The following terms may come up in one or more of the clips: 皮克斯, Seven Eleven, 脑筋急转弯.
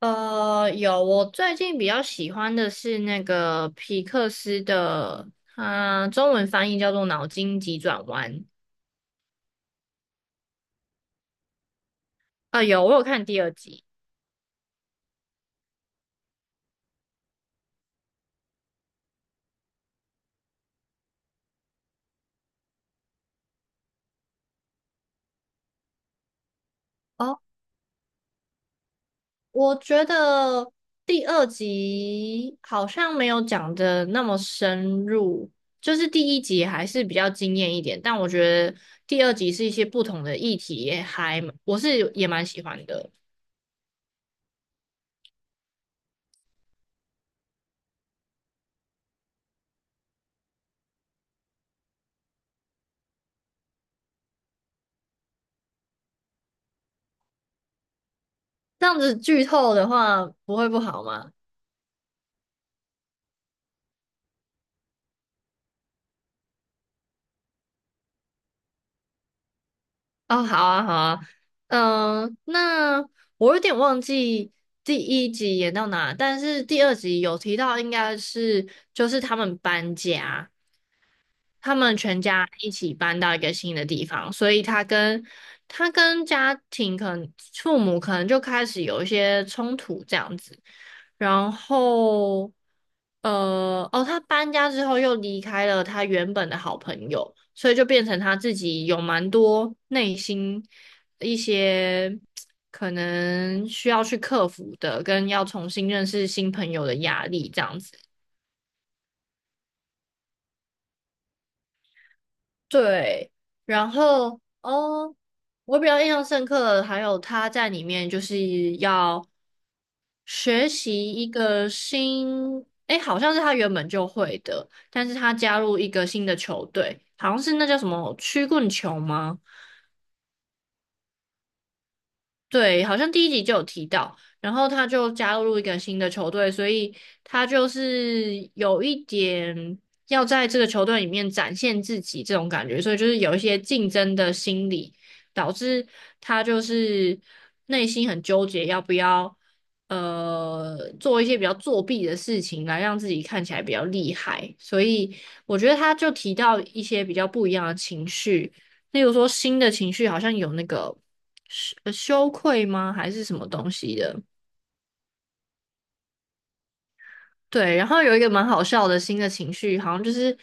有，我最近比较喜欢的是那个皮克斯的，它中文翻译叫做《脑筋急转弯》。啊，有，我有看第二集。哦，我觉得第二集好像没有讲的那么深入，就是第一集还是比较惊艳一点，但我觉得第二集是一些不同的议题，也还，我是也蛮喜欢的。这样子剧透的话，不会不好吗？哦，好啊，好啊，那我有点忘记第一集演到哪，但是第二集有提到，应该是就是他们搬家，他们全家一起搬到一个新的地方，所以他跟家庭可能父母可能就开始有一些冲突这样子。然后，哦，他搬家之后又离开了他原本的好朋友，所以就变成他自己有蛮多内心一些可能需要去克服的，跟要重新认识新朋友的压力这样子。对，然后哦。我比较印象深刻的还有他在里面就是要学习一个新，诶，好像是他原本就会的，但是他加入一个新的球队，好像是那叫什么曲棍球吗？对，好像第一集就有提到，然后他就加入一个新的球队，所以他就是有一点要在这个球队里面展现自己这种感觉，所以就是有一些竞争的心理，导致他就是内心很纠结，要不要做一些比较作弊的事情来让自己看起来比较厉害，所以我觉得他就提到一些比较不一样的情绪，例如说新的情绪好像有那个。羞愧吗？还是什么东西的？对，然后有一个蛮好笑的新的情绪，好像就是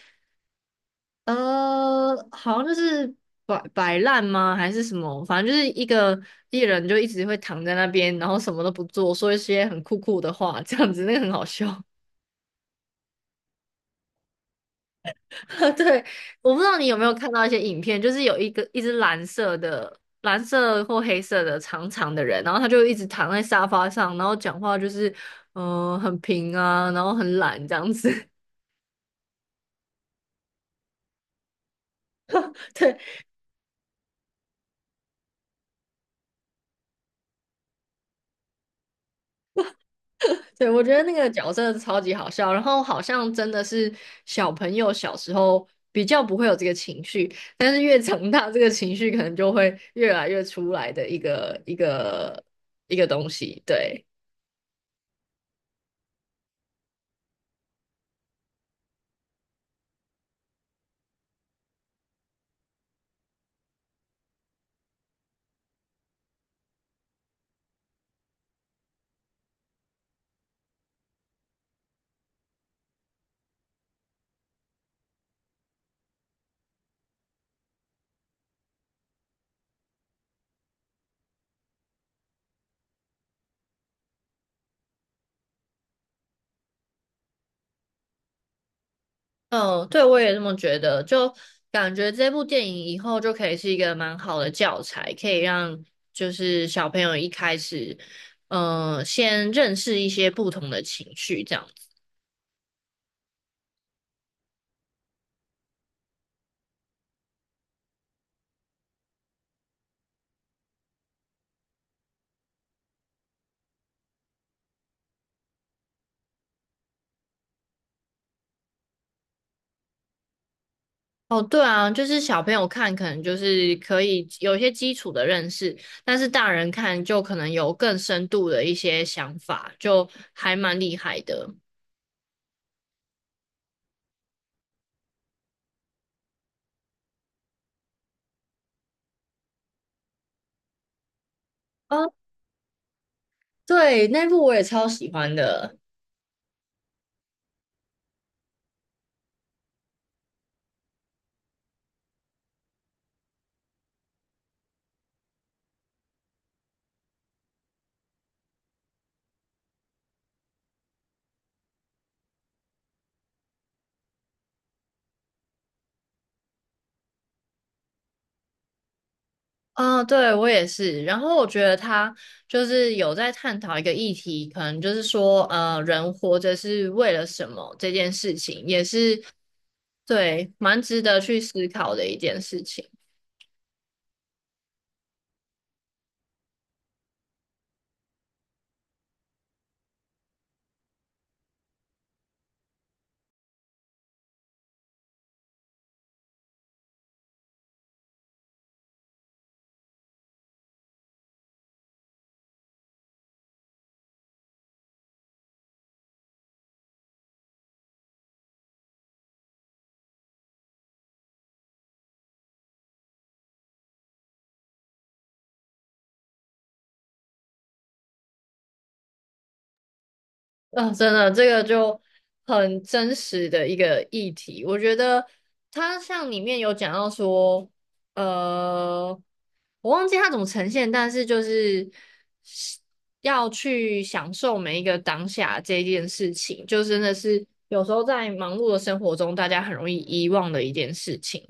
好像就是摆烂吗？还是什么？反正就是一个艺人就一直会躺在那边，然后什么都不做，说一些很酷酷的话，这样子那个很好笑。对，我不知道你有没有看到一些影片，就是有一个一只蓝色的、蓝色或黑色的长长的人，然后他就一直躺在沙发上，然后讲话就是很平啊，然后很懒这样子。对对，我觉得那个角色超级好笑，然后好像真的是小朋友小时候比较不会有这个情绪，但是越长大，这个情绪可能就会越来越出来的一个东西。对，嗯，对，我也这么觉得，就感觉这部电影以后就可以是一个蛮好的教材，可以让就是小朋友一开始，先认识一些不同的情绪，这样。哦，对啊，就是小朋友看可能就是可以有一些基础的认识，但是大人看就可能有更深度的一些想法，就还蛮厉害的。哦，对，那部我也超喜欢的。对，我也是。然后我觉得他就是有在探讨一个议题，可能就是说，人活着是为了什么这件事情，也是对蛮值得去思考的一件事情。嗯，真的，这个就很真实的一个议题。我觉得它像里面有讲到说，呃，我忘记它怎么呈现，但是就是要去享受每一个当下这件事情，就真的是有时候在忙碌的生活中，大家很容易遗忘的一件事情。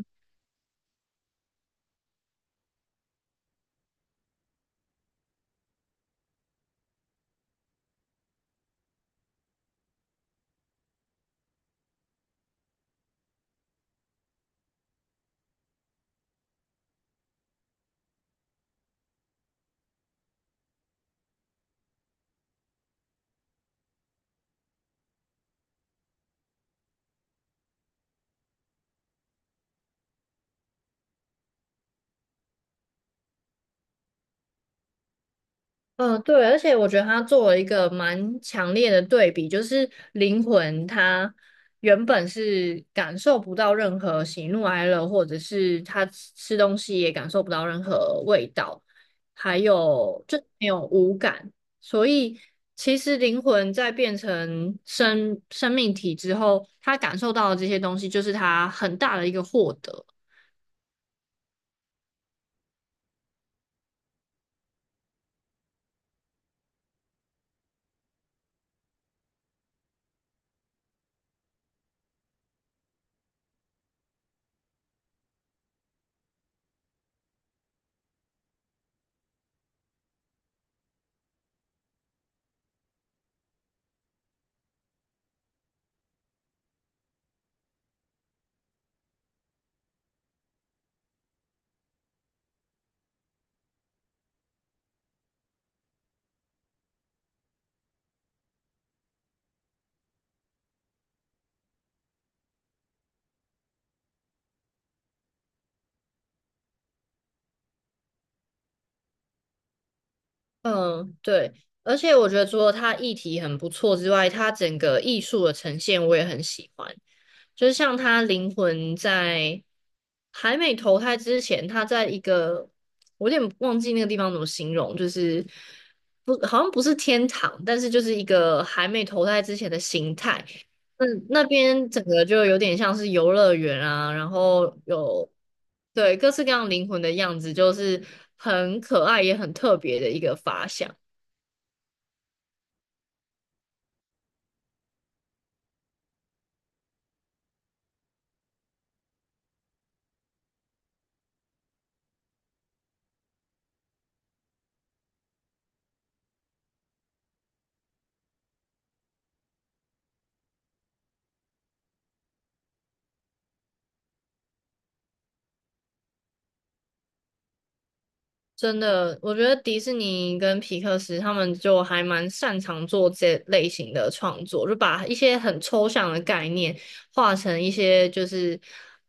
嗯，对，而且我觉得他做了一个蛮强烈的对比，就是灵魂它原本是感受不到任何喜怒哀乐，或者是他吃吃东西也感受不到任何味道，还有就没有五感，所以其实灵魂在变成生命体之后，他感受到的这些东西，就是他很大的一个获得。嗯，对，而且我觉得除了它议题很不错之外，它整个艺术的呈现我也很喜欢。就是像他灵魂在还没投胎之前，他在一个我有点忘记那个地方怎么形容，就是不好像不是天堂，但是就是一个还没投胎之前的形态。嗯，那边整个就有点像是游乐园啊，然后有对各式各样灵魂的样子，就是很可爱也很特别的一个发想。真的，我觉得迪士尼跟皮克斯他们就还蛮擅长做这类型的创作，就把一些很抽象的概念画成一些就是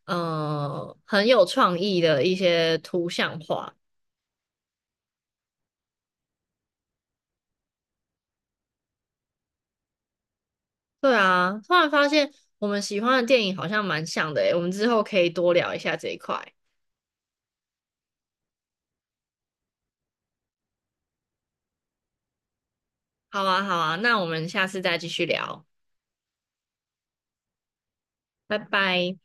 很有创意的一些图像化。对啊，突然发现我们喜欢的电影好像蛮像的诶，我们之后可以多聊一下这一块。好啊，好啊，那我们下次再继续聊，拜拜。